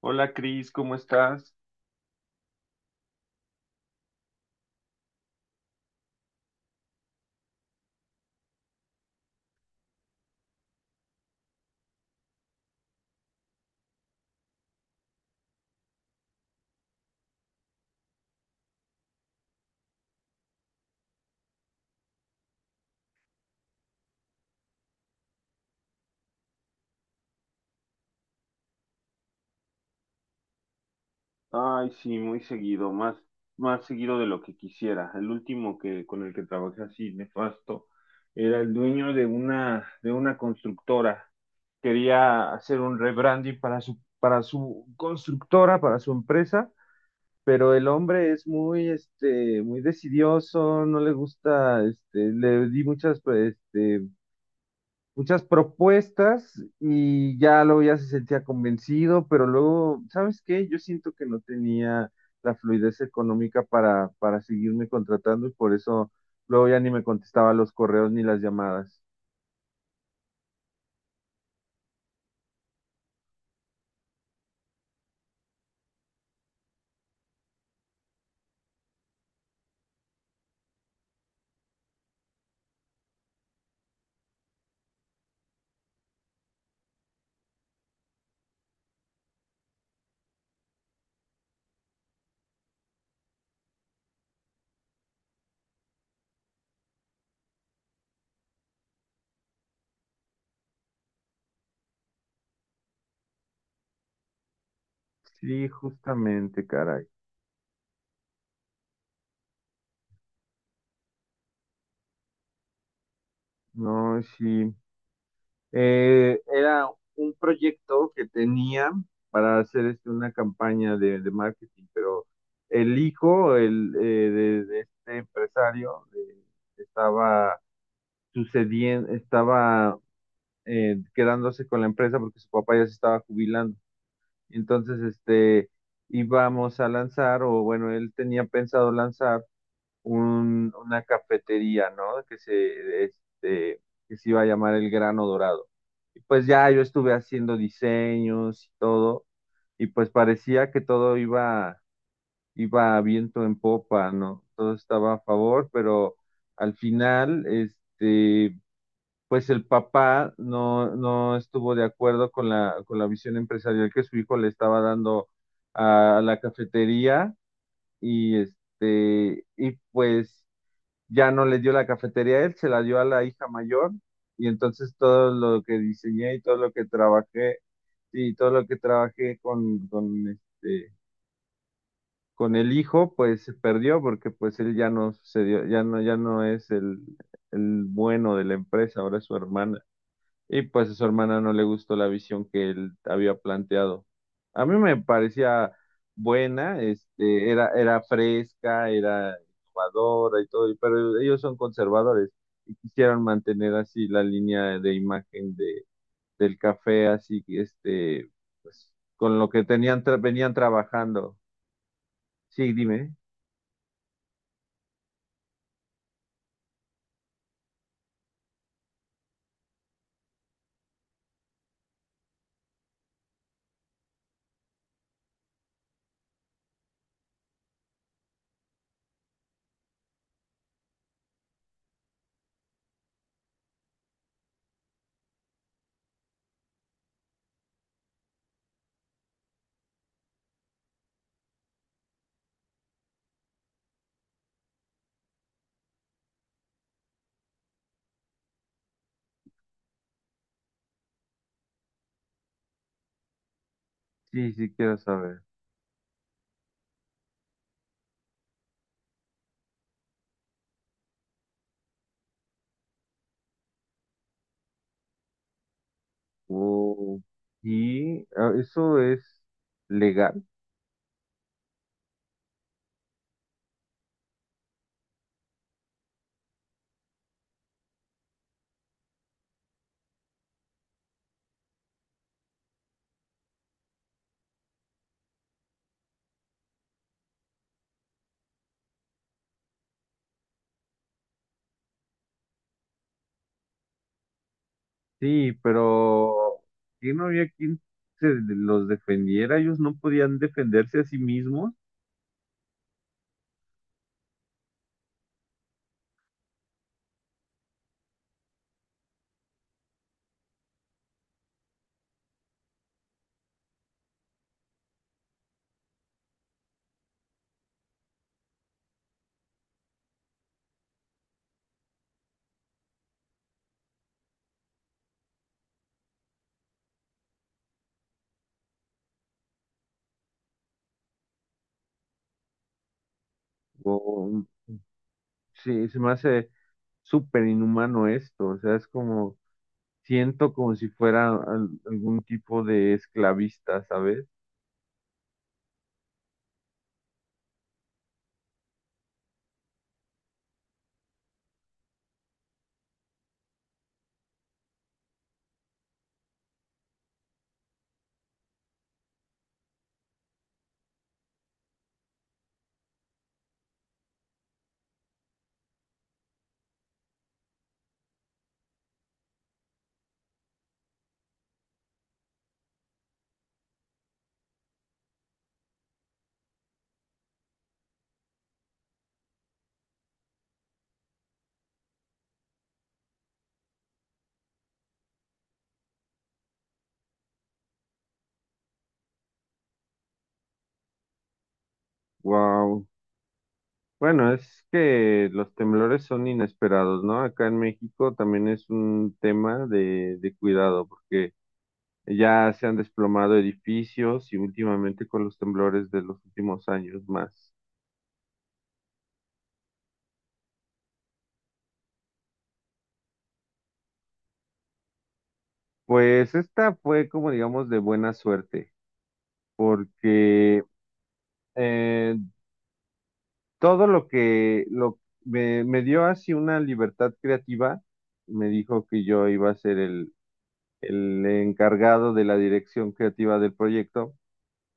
Hola Cris, ¿cómo estás? Ay, sí, muy seguido, más seguido de lo que quisiera. El último que con el que trabajé así nefasto era el dueño de una constructora. Quería hacer un rebranding para su constructora, para su empresa, pero el hombre es muy decidioso, no le gusta le di muchas muchas propuestas y ya luego ya se sentía convencido, pero luego, ¿sabes qué? Yo siento que no tenía la fluidez económica para seguirme contratando y por eso luego ya ni me contestaba los correos ni las llamadas. Sí, justamente, caray. No, sí. Era un proyecto que tenía para hacer una campaña de marketing, pero el hijo de este empresario estaba sucediendo, estaba quedándose con la empresa porque su papá ya se estaba jubilando. Entonces, íbamos a lanzar, o bueno, él tenía pensado lanzar una cafetería, ¿no? Que se iba a llamar El Grano Dorado. Y pues ya yo estuve haciendo diseños y todo, y pues parecía que todo iba a viento en popa, ¿no? Todo estaba a favor, pero al final, pues el papá no estuvo de acuerdo con la visión empresarial que su hijo le estaba dando a la cafetería y pues ya no le dio la cafetería a él, se la dio a la hija mayor y entonces todo lo que diseñé y todo lo que trabajé y todo lo que trabajé con el hijo, pues se perdió porque pues él ya no sucedió, ya no es el bueno de la empresa, ahora es su hermana. Y pues a su hermana no le gustó la visión que él había planteado. A mí me parecía buena, era, era fresca, era innovadora y todo, pero ellos son conservadores y quisieron mantener así la línea de imagen del café, así que pues, con lo que tenían, venían trabajando. Sí, dime. Sí, sí, quiero saber. Oh, y ah, eso es legal. Sí, pero que no había quien se los defendiera, ellos no podían defenderse a sí mismos. O, sí, se me hace súper inhumano esto, o sea, es como, siento como si fuera algún tipo de esclavista, ¿sabes? Wow. Bueno, es que los temblores son inesperados, ¿no? Acá en México también es un tema de cuidado, porque ya se han desplomado edificios y últimamente con los temblores de los últimos años más. Pues esta fue como digamos de buena suerte, porque eh, todo lo que lo, me dio así una libertad creativa, me dijo que yo iba a ser el encargado de la dirección creativa del proyecto.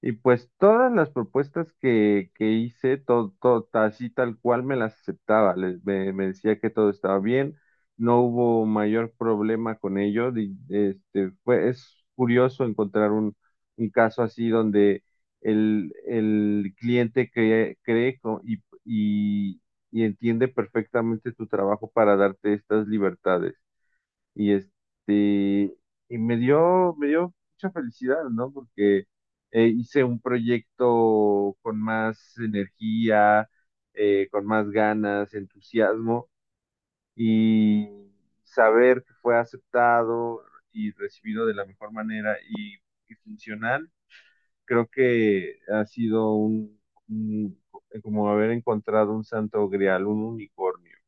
Y pues todas las propuestas que hice, todo, todo, así tal cual me las aceptaba. Me decía que todo estaba bien, no hubo mayor problema con ello. Es curioso encontrar un caso así donde el cliente cree y entiende perfectamente tu trabajo para darte estas libertades. Y este, y me dio mucha felicidad, ¿no? Porque hice un proyecto con más energía, con más ganas, entusiasmo, y saber que fue aceptado y recibido de la mejor manera y funcional, creo que ha sido un- como haber encontrado un santo grial, un unicornio.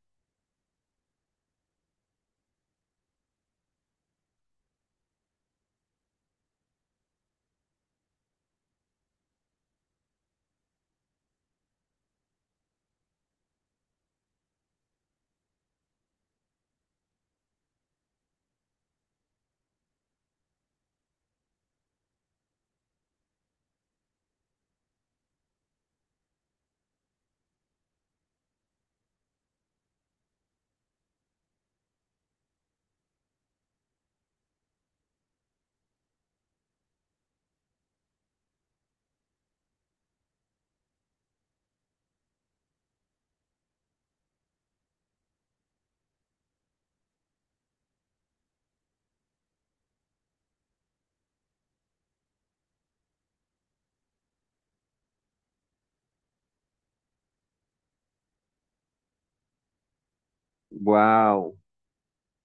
Wow,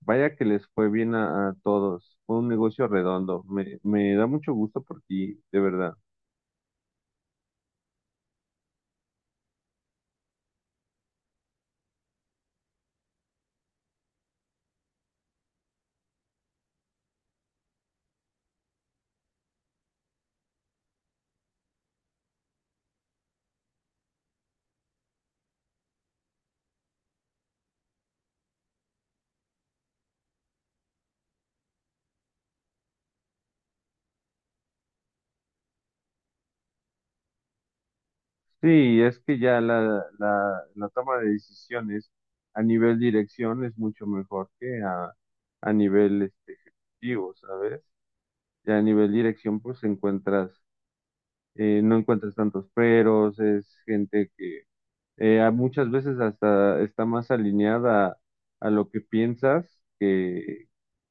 vaya que les fue bien a todos. Fue un negocio redondo. Me da mucho gusto por ti, de verdad. Sí, es que ya la toma de decisiones a nivel dirección es mucho mejor que a nivel ejecutivo, ¿sabes? Ya a nivel dirección, pues encuentras, no encuentras tantos peros, es gente que muchas veces hasta está más alineada a lo que piensas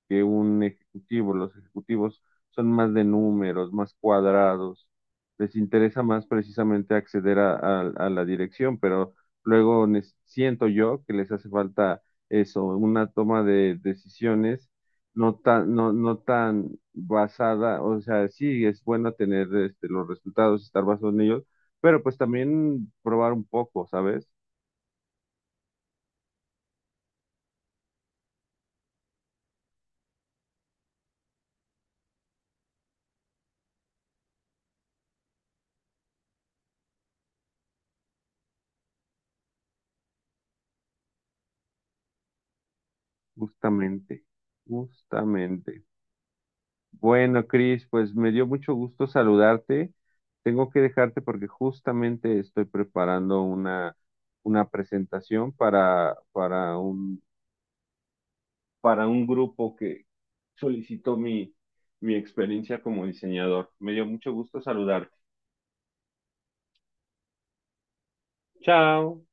que un ejecutivo. Los ejecutivos son más de números, más cuadrados. Les interesa más precisamente acceder a la dirección, pero luego siento yo que les hace falta eso, una toma de decisiones no tan basada, o sea, sí es bueno tener los resultados, estar basado en ellos, pero pues también probar un poco, ¿sabes? Justamente, justamente. Bueno, Cris, pues me dio mucho gusto saludarte. Tengo que dejarte porque justamente estoy preparando una presentación para un grupo que solicitó mi experiencia como diseñador. Me dio mucho gusto saludarte. Chao.